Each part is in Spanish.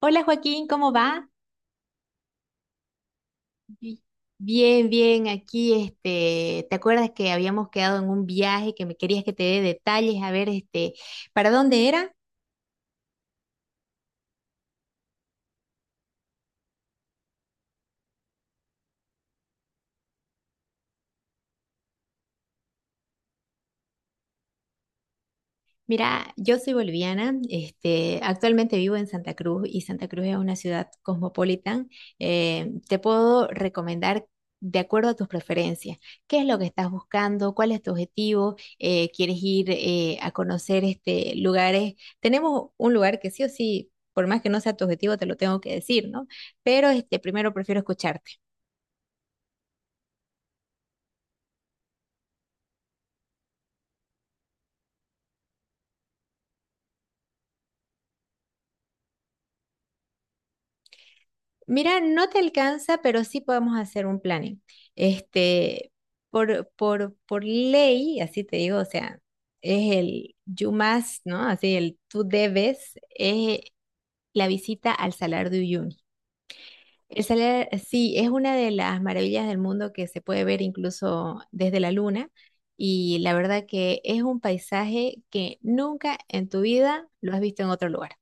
Hola Joaquín, ¿cómo va? Bi- Bien, bien, aquí este, ¿te acuerdas que habíamos quedado en un viaje que me querías que te dé detalles? A ver, este, ¿para dónde era? Mira, yo soy boliviana, este, actualmente vivo en Santa Cruz y Santa Cruz es una ciudad cosmopolitan. Te puedo recomendar de acuerdo a tus preferencias, qué es lo que estás buscando, cuál es tu objetivo, quieres ir a conocer este, lugares. Tenemos un lugar que sí o sí, por más que no sea tu objetivo, te lo tengo que decir, ¿no? Pero este, primero prefiero escucharte. Mira, no te alcanza, pero sí podemos hacer un planning. Este, por ley, así te digo, o sea, es el you must, ¿no? Así el tú debes, es la visita al Salar de Uyuni. El Salar, sí, es una de las maravillas del mundo que se puede ver incluso desde la luna. Y la verdad que es un paisaje que nunca en tu vida lo has visto en otro lugar.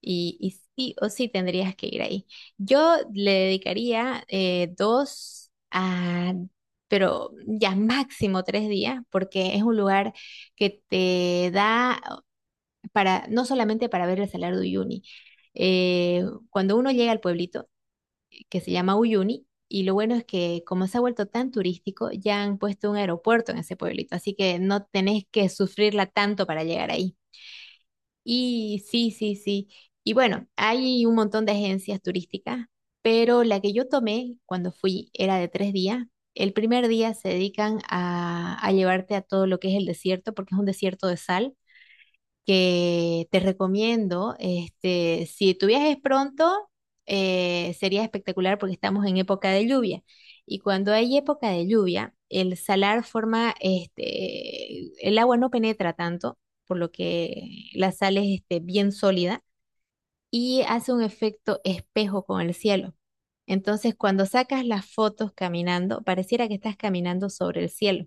Y sí o sí tendrías que ir ahí. Yo le dedicaría dos a, pero ya máximo 3 días, porque es un lugar que te da para, no solamente para ver el Salar de Uyuni. Eh, cuando uno llega al pueblito que se llama Uyuni, y lo bueno es que como se ha vuelto tan turístico, ya han puesto un aeropuerto en ese pueblito, así que no tenés que sufrirla tanto para llegar ahí. Y sí, sí, sí. Y bueno, hay un montón de agencias turísticas, pero la que yo tomé cuando fui era de 3 días. El primer día se dedican a llevarte a todo lo que es el desierto, porque es un desierto de sal que te recomiendo. Este, si tú viajes pronto, sería espectacular porque estamos en época de lluvia. Y cuando hay época de lluvia, el salar forma, este, el agua no penetra tanto, por lo que la sal es este, bien sólida y hace un efecto espejo con el cielo. Entonces, cuando sacas las fotos caminando, pareciera que estás caminando sobre el cielo.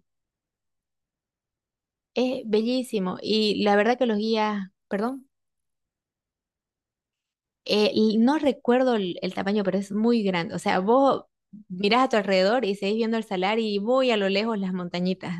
Es bellísimo y la verdad que los guías, perdón. Y no recuerdo el tamaño, pero es muy grande. O sea, vos mirás a tu alrededor y seguís viendo el salar y muy a lo lejos las montañitas.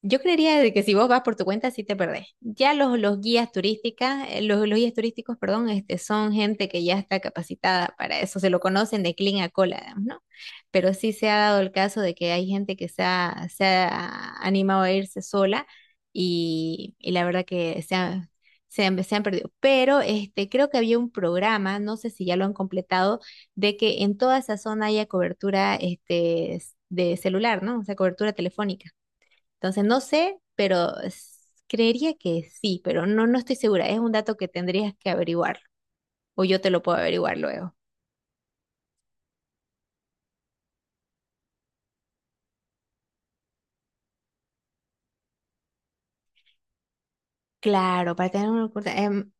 Yo creería de que si vos vas por tu cuenta, sí te perdés. Ya los guías turísticas, los guías turísticos, perdón, este, son gente que ya está capacitada para eso, se lo conocen de clean a cola, digamos, ¿no? Pero sí se ha dado el caso de que hay gente que se ha animado a irse sola y la verdad que se han perdido. Pero este, creo que había un programa, no sé si ya lo han completado, de que en toda esa zona haya cobertura este, de celular, ¿no? O sea, cobertura telefónica. Entonces, no sé, pero creería que sí, pero no, no estoy segura. Es un dato que tendrías que averiguar o yo te lo puedo averiguar luego. Claro, para tener una oculta- em,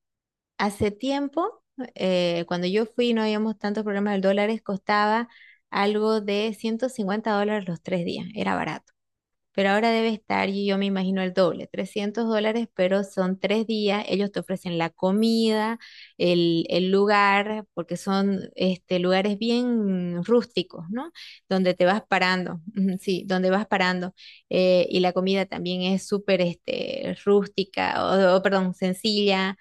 hace tiempo, cuando yo fui, no habíamos tantos problemas del dólar, costaba algo de $150 los 3 días. Era barato. Pero ahora debe estar, y yo me imagino el doble, $300, pero son 3 días, ellos te ofrecen la comida, el lugar, porque son este, lugares bien rústicos, ¿no? Donde te vas parando, ujú, sí, donde vas parando, y la comida también es súper este, rústica, perdón, sencilla,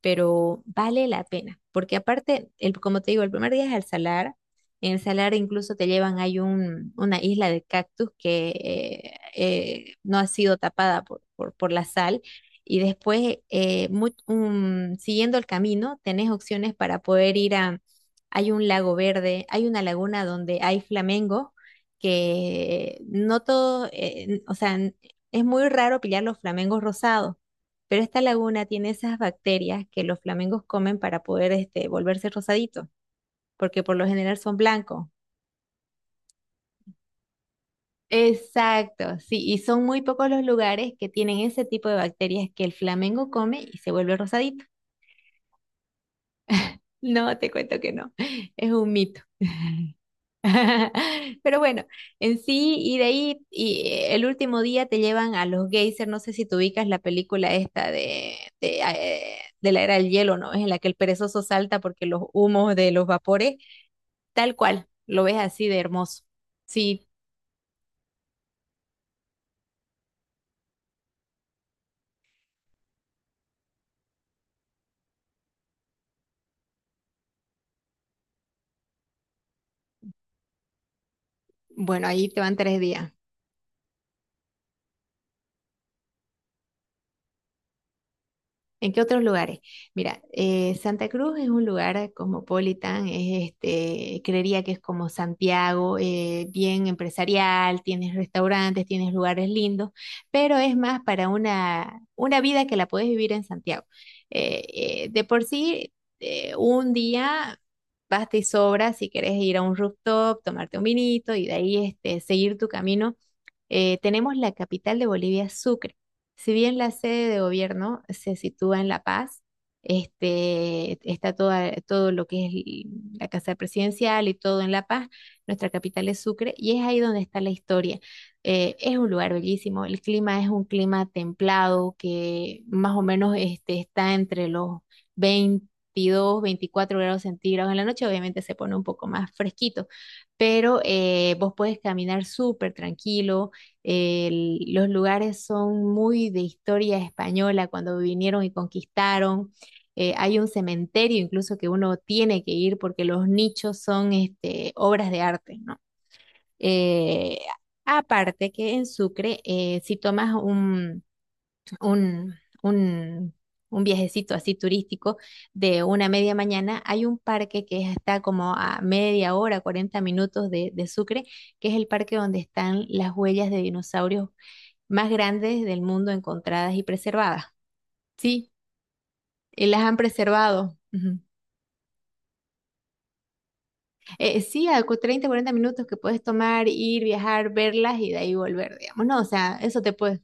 pero vale la pena, porque aparte, el, como te digo, el primer día es al salar, en el salar incluso te llevan, hay una isla de cactus que no ha sido tapada por la sal. Y después, siguiendo el camino, tenés opciones para poder ir a, hay un lago verde, hay una laguna donde hay flamengo, que no todo, o sea, es muy raro pillar los flamengos rosados, pero esta laguna tiene esas bacterias que los flamengos comen para poder este, volverse rosaditos, porque por lo general son blancos. Exacto, sí, y son muy pocos los lugares que tienen ese tipo de bacterias que el flamengo come y se vuelve rosadito. No, te cuento que no, es un mito. Pero bueno, en sí, y de ahí, y el último día te llevan a los geysers, no sé si tú ubicas la película esta de la era del hielo, ¿no? Es en la que el perezoso salta porque los humos de los vapores, tal cual, lo ves así de hermoso. Sí, bueno, ahí te van 3 días. ¿En qué otros lugares? Mira, Santa Cruz es un lugar cosmopolitan, es este, creería que es como Santiago, bien empresarial, tienes restaurantes, tienes lugares lindos, pero es más para una vida que la puedes vivir en Santiago. De por sí, un día basta y sobra si quieres ir a un rooftop, tomarte un vinito y de ahí este, seguir tu camino. Tenemos la capital de Bolivia, Sucre. Si bien la sede de gobierno se sitúa en La Paz, este, está toda, todo lo que es la casa presidencial y todo en La Paz, nuestra capital es Sucre y es ahí donde está la historia. Es un lugar bellísimo, el clima es un clima templado que más o menos este, está entre los 22 24 °C. En la noche obviamente se pone un poco más fresquito pero vos puedes caminar súper tranquilo, los lugares son muy de historia española cuando vinieron y conquistaron. Hay un cementerio incluso que uno tiene que ir porque los nichos son este, obras de arte, ¿no? Eh, aparte que en Sucre, si tomas un, un, un viajecito así turístico de una media mañana, hay un parque que está como a media hora, 40 minutos de Sucre, que es el parque donde están las huellas de dinosaurios más grandes del mundo encontradas y preservadas. Sí, y las han preservado. Ujú. Sí, a 30, 40 minutos que puedes tomar, ir, viajar, verlas y de ahí volver, digamos. No, o sea, eso te puede.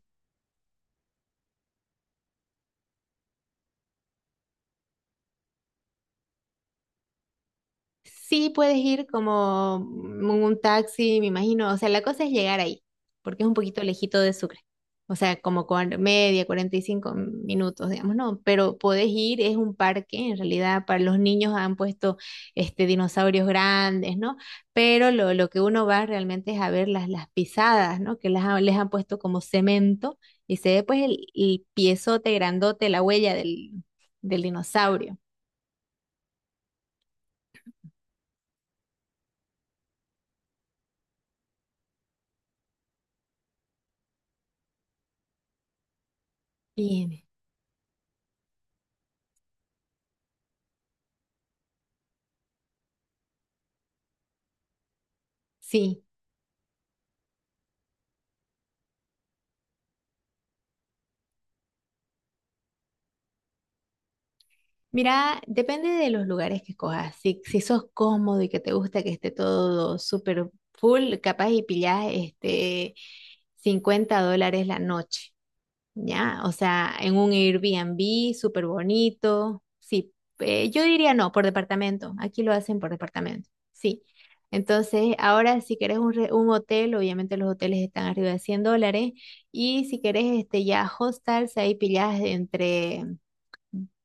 Sí puedes ir como en un taxi, me imagino. O sea, la cosa es llegar ahí, porque es un poquito lejito de Sucre. O sea, como media, 45 minutos, digamos, ¿no? Pero podés ir, es un parque, en realidad para los niños han puesto este, dinosaurios grandes, ¿no? Pero lo que uno va realmente es a ver las pisadas, ¿no? Que las, les han puesto como cemento y se ve pues el piezote grandote, la huella del, del dinosaurio. Bien, sí. Mira, depende de los lugares que escojas. Si, si sos cómodo y que te gusta que esté todo súper full, capaz y pillás este $50 la noche, ¿ya? O sea, en un Airbnb súper bonito. Sí, yo diría no, por departamento. Aquí lo hacen por departamento, sí. Entonces, ahora si querés un hotel, obviamente los hoteles están arriba de $100. Y si querés este, ya hostels, ahí pillás entre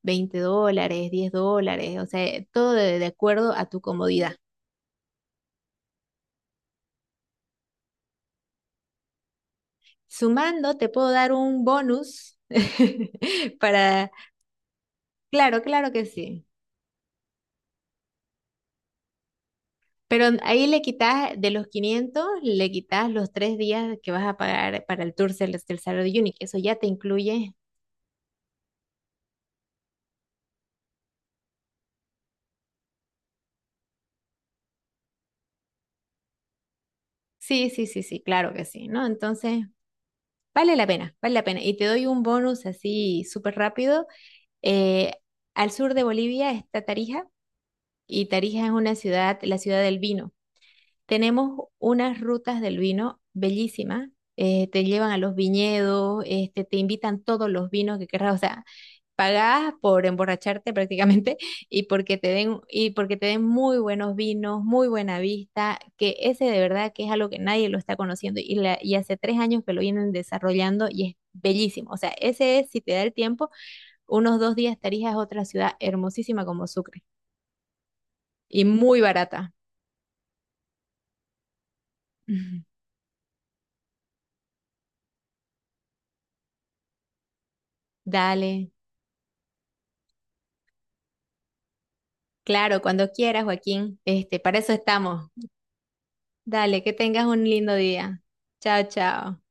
veinte dólares, $10, o sea, todo de acuerdo a tu comodidad. Sumando, te puedo dar un bonus para... Claro, claro que sí. Pero ahí le quitas de los 500, le quitas los tres días que vas a pagar para el tour del, del Saturday Unique. Eso ya te incluye. Sí, sí, sí, sí, claro que sí, ¿no? Entonces, vale la pena, vale la pena. Y te doy un bonus así súper rápido. Eh, al sur de Bolivia está Tarija y Tarija es una ciudad, la ciudad del vino. Tenemos unas rutas del vino bellísimas. Te llevan a los viñedos, este, te invitan todos los vinos que querrás. O sea, pagás por emborracharte prácticamente y porque te den, y porque te den muy buenos vinos, muy buena vista, que ese de verdad que es algo que nadie lo está conociendo y, y hace 3 años que lo vienen desarrollando y es bellísimo. O sea, ese es, si te da el tiempo, unos 2 días estarías a otra ciudad hermosísima como Sucre y muy barata. Dale. Claro, cuando quieras, Joaquín. Este, para eso estamos. Dale, que tengas un lindo día. Chao, chao.